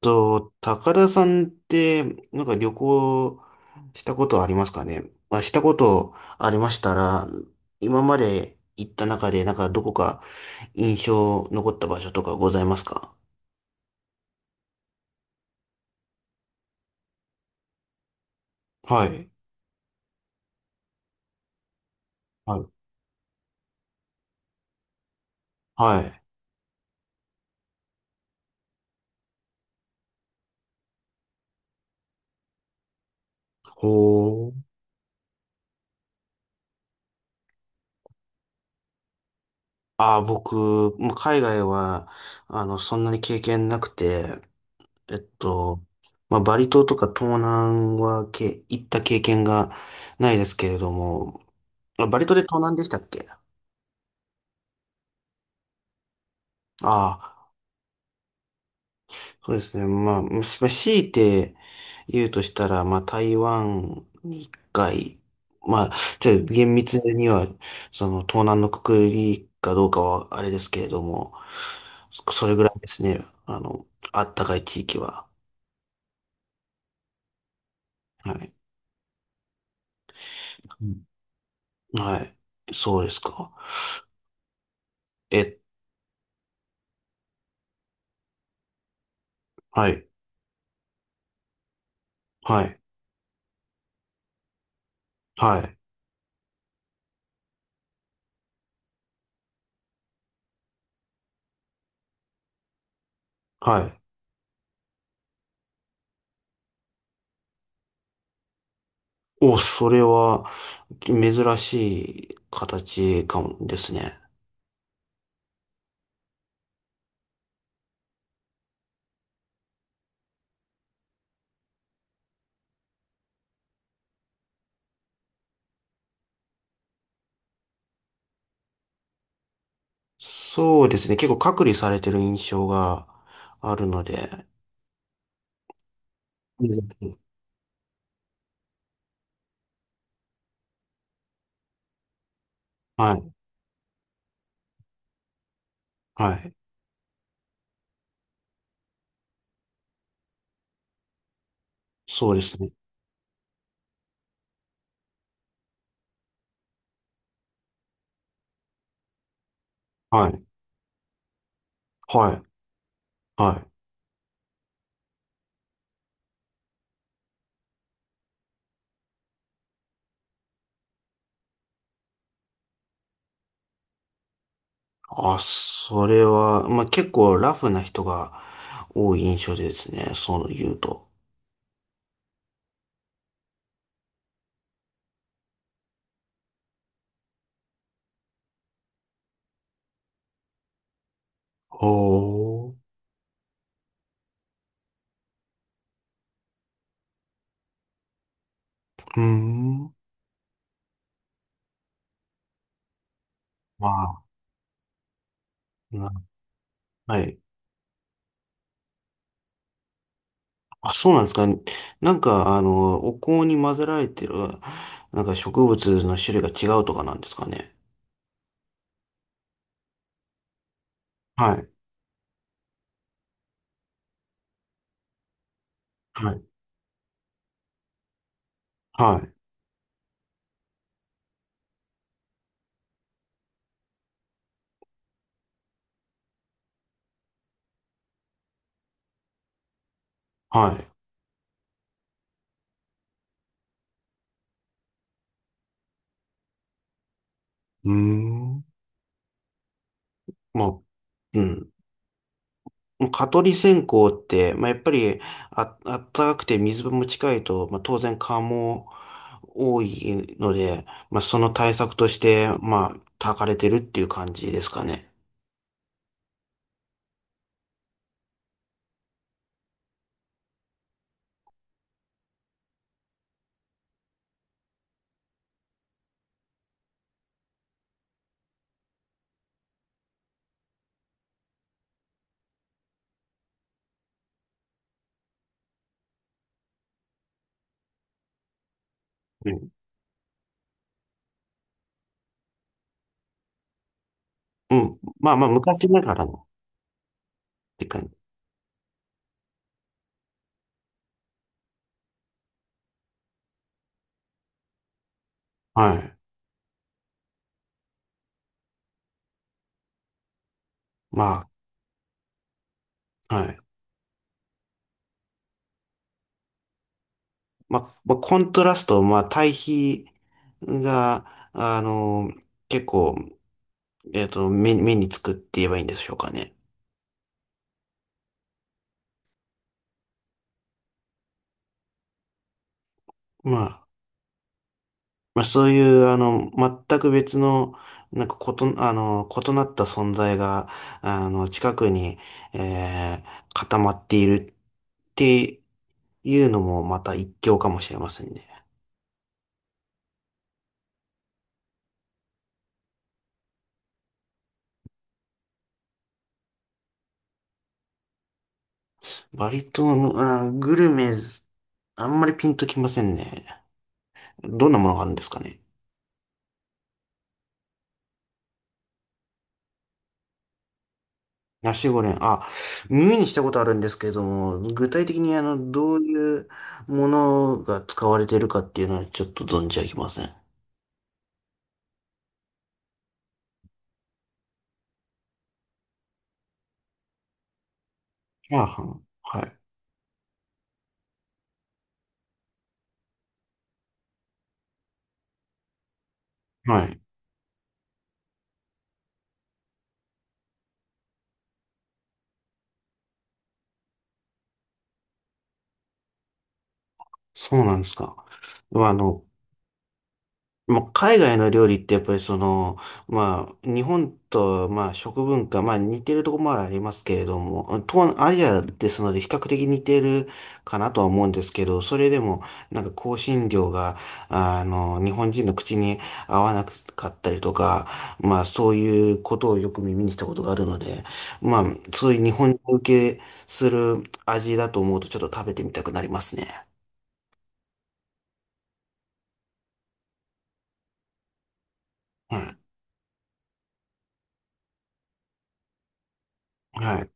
と、高田さんって、なんか旅行したことありますかね？まあ、したことありましたら、今まで行った中で、なんかどこか印象残った場所とかございますか？はい。はい。はい。ほー。ああ、僕、もう海外は、そんなに経験なくて、えっと、まあ、バリ島とか東南は行った経験がないですけれども、まあバリ島で東南でしたっけ？ああ、そうですね。まあ、強いて言うとしたら、まあ、台湾に一回、まあ、ちょっと厳密には、その、東南のくくりかどうかはあれですけれども、それぐらいですね。あったかい地域は。はい。うん。はい。そうですか。え、はい。はい。はい。はい。お、それは、珍しい形かもですね。そうですね。結構隔離されてる印象があるので。うん。はい。はい。そうですね。はい。はい。はい。あ、それは、まあ、結構ラフな人が多い印象ですね。そう言うと。ほう。うーん。まあ、なはい。あ、そうなんですか。なんか、お香に混ぜられてる、なんか植物の種類が違うとかなんですかね。はい。はい。はい。はい。うーん。もう、うん。もう蚊取り線香って、まあ、やっぱり、あったかくて水分も近いと、まあ、当然蚊も多いので、まあ、その対策として、まあ、焚かれてるっていう感じですかね。うん。うん。まあまあ、昔ながらのって感じ。はい。まあ、はい。まあ、コントラスト、まあ、対比が、あの、結構、目につくって言えばいいんでしょうかね。まあまあ、そういう、全く別の、なんか、こと、あの、異なった存在が、近くに、えー、固まっているっていうのも、また一興かもしれませんね。バリ島の、グルメ、あんまりピンときませんね。どんなものがあるんですかね。ナシゴレン、あ、耳にしたことあるんですけれども、具体的に、どういうものが使われているかっていうのは、ちょっと存じ上げません。チャーハン。はい。はい。そうなんですか。まあ、海外の料理ってやっぱりまあ、日本と、まあ、食文化、まあ、似てるところもありますけれども、東南アジアですので比較的似てるかなとは思うんですけど、それでも、なんか香辛料が、日本人の口に合わなかったりとか、まあ、そういうことをよく耳にしたことがあるので、まあ、そういう日本人受けする味だと思うとちょっと食べてみたくなりますね。はい。はい。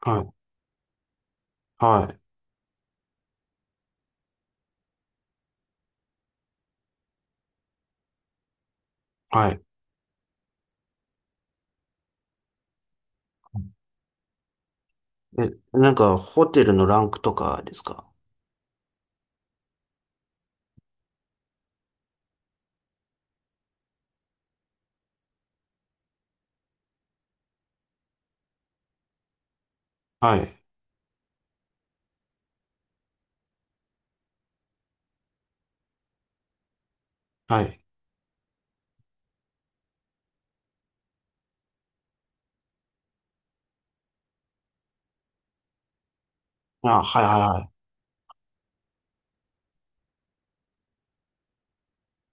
はい。はい。はい。え、なんか、ホテルのランクとかですか？はい。はい。あ、はいはい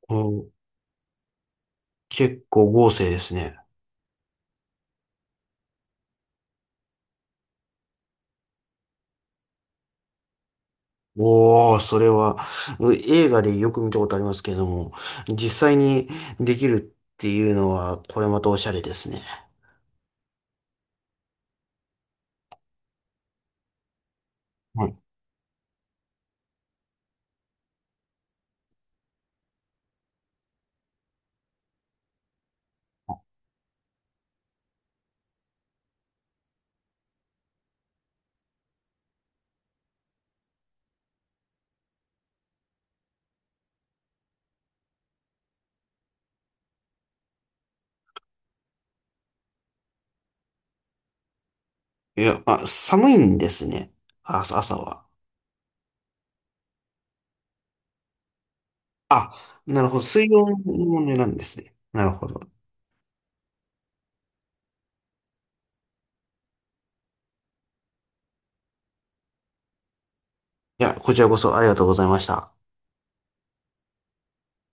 はい。うん、結構豪勢ですね。おー、それは、映画でよく見たことありますけれども、実際にできるっていうのは、これまたおしゃれですね。はい。いや、あ、寒いんですね。あ、朝は。あ、なるほど。水温の問題なんですね。なるほど。いや、こちらこそありがとうございました。